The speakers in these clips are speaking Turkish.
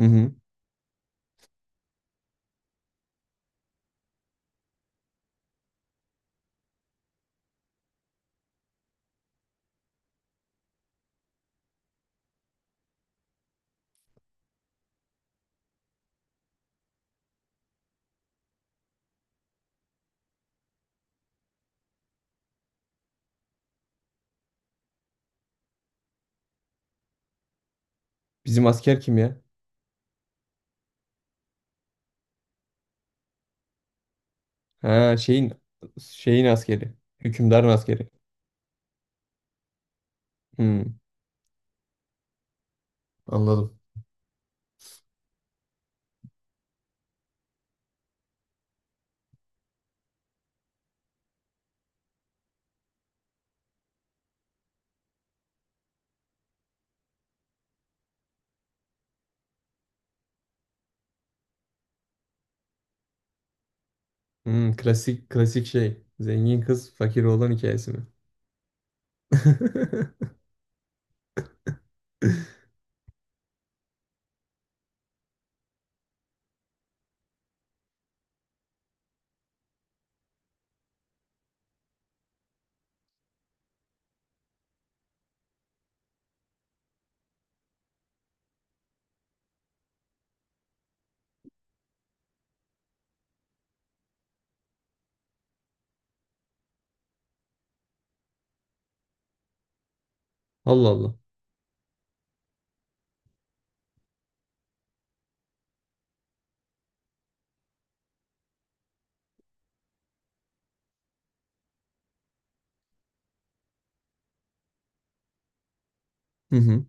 Hı hı. Bizim asker kim ya? Ha şeyin askeri. Hükümdarın askeri. Hı. Anladım. Hı, klasik şey. Zengin kız fakir oğlan hikayesi mi? Allah Allah. Hı hı.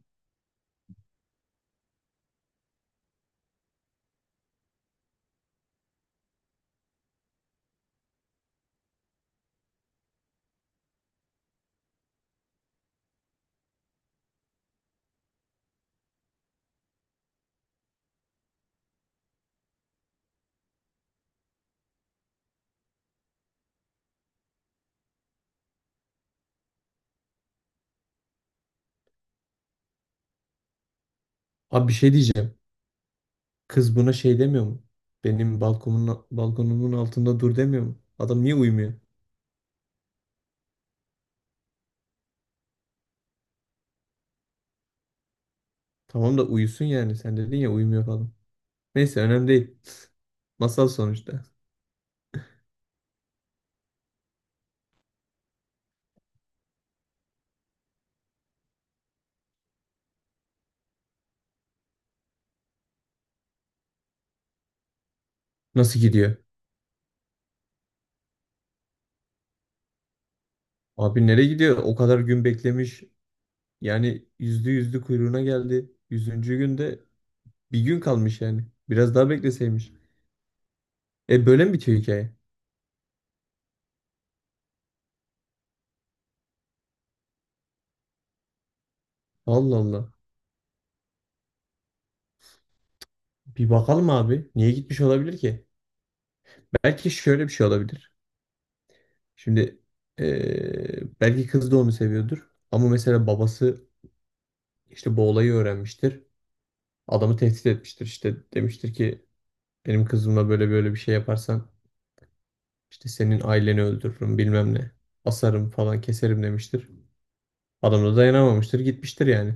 Abi bir şey diyeceğim. Kız buna şey demiyor mu? Benim balkonumun altında dur demiyor mu? Adam niye uyumuyor? Tamam da uyusun yani. Sen dedin ya uyumuyor falan. Neyse önemli değil. Masal sonuçta. Nasıl gidiyor? Abi nereye gidiyor? O kadar gün beklemiş. Yani yüzde kuyruğuna geldi. Yüzüncü günde bir gün kalmış yani. Biraz daha bekleseymiş. E böyle mi bitiyor hikaye? Allah Allah. Bir bakalım abi. Niye gitmiş olabilir ki? Belki şöyle bir şey olabilir. Şimdi belki kız da onu seviyordur. Ama mesela babası işte bu olayı öğrenmiştir. Adamı tehdit etmiştir. İşte demiştir ki benim kızımla böyle böyle bir şey yaparsan işte senin aileni öldürürüm bilmem ne. Asarım falan keserim demiştir. Adam da dayanamamıştır gitmiştir yani.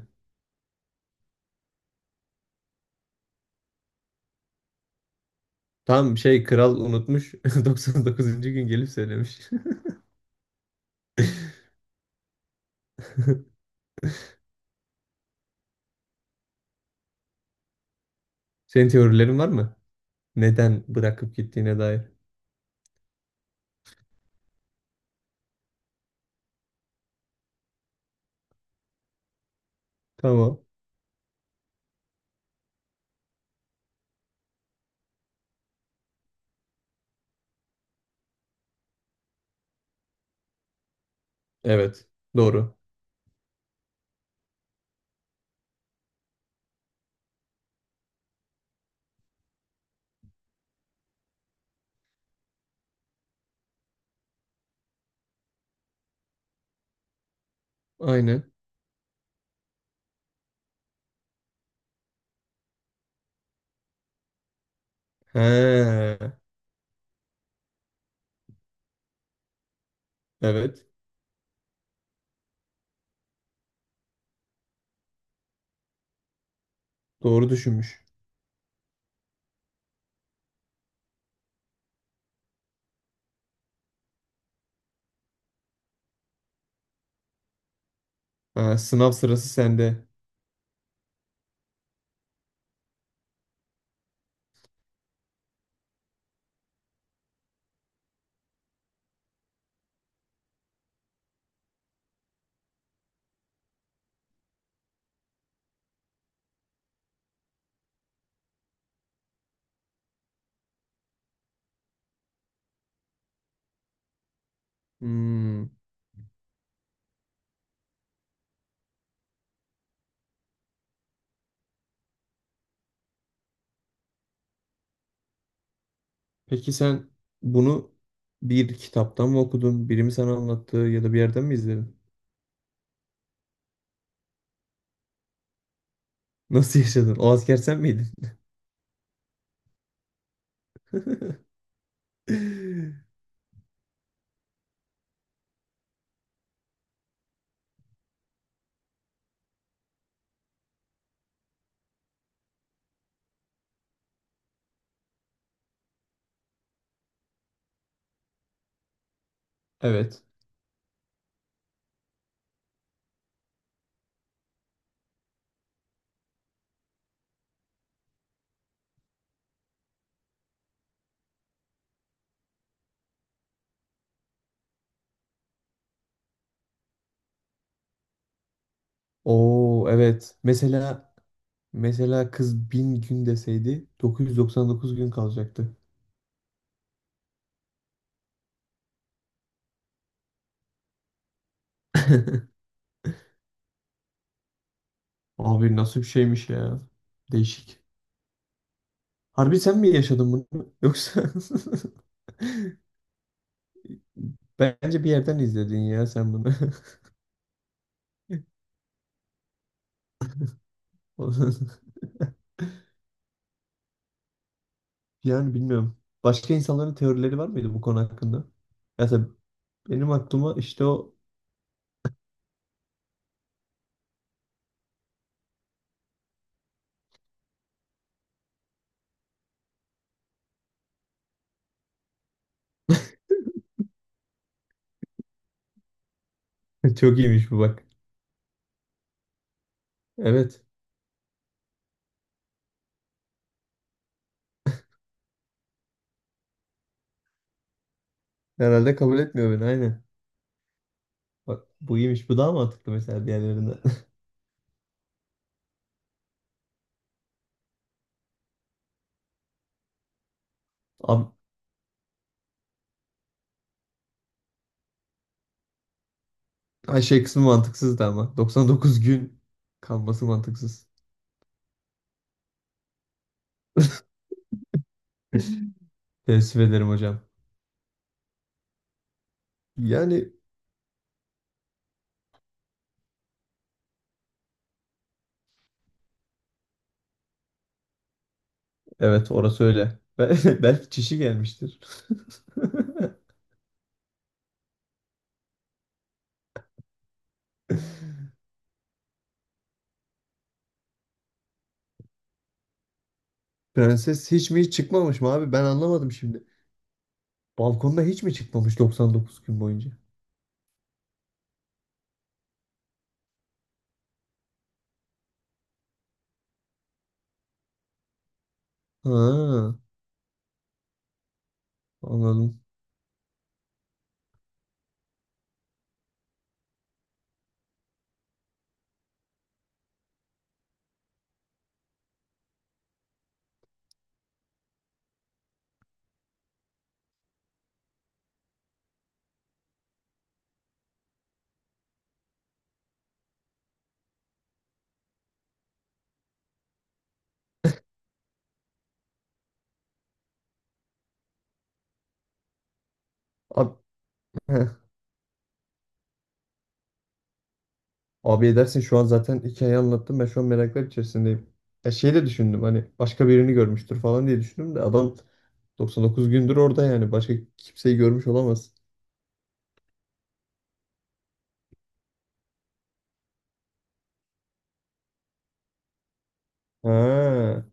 Tam şey kral unutmuş. 99. gün gelip söylemiş. Senin teorilerin var mı? Neden bırakıp gittiğine dair. Tamam. Evet. Doğru. Aynen. He. Evet. Doğru düşünmüş. Ha, sınav sırası sende. Hmm. Peki sen bunu bir kitaptan mı okudun? Biri mi sana anlattı ya da bir yerden mi izledin? Nasıl yaşadın? O asker sen miydin? Evet. Oo evet. Mesela kız 1000 gün deseydi 999 gün kalacaktı. Abi nasıl bir şeymiş ya. Değişik. Harbi sen mi yaşadın bunu? Yoksa bence bir yerden izledin ya sen bunu. Yani bilmiyorum. Başka insanların teorileri var mıydı bu konu hakkında? Mesela benim aklıma işte o çok iyiymiş bu bak. Evet. Herhalde kabul etmiyor beni. Aynen. Bak bu iyiymiş. Bu daha mantıklı mesela diğerlerinden. Abi, Ayşe kısmı mantıksızdı ama. 99 gün kalması mantıksız. Teessüf ederim hocam. Yani evet orası öyle. Bel- Belki çişi gelmiştir. Prenses hiç mi hiç çıkmamış mı abi? Ben anlamadım şimdi. Balkonda hiç mi çıkmamış 99 gün boyunca? Ha, anladım. Abi, abi edersin şu an zaten hikayeyi anlattım. Ben şu an meraklar içerisindeyim. Ya şey de düşündüm hani başka birini görmüştür falan diye düşündüm de adam 99 gündür orada yani. Başka kimseyi görmüş olamaz. Ha.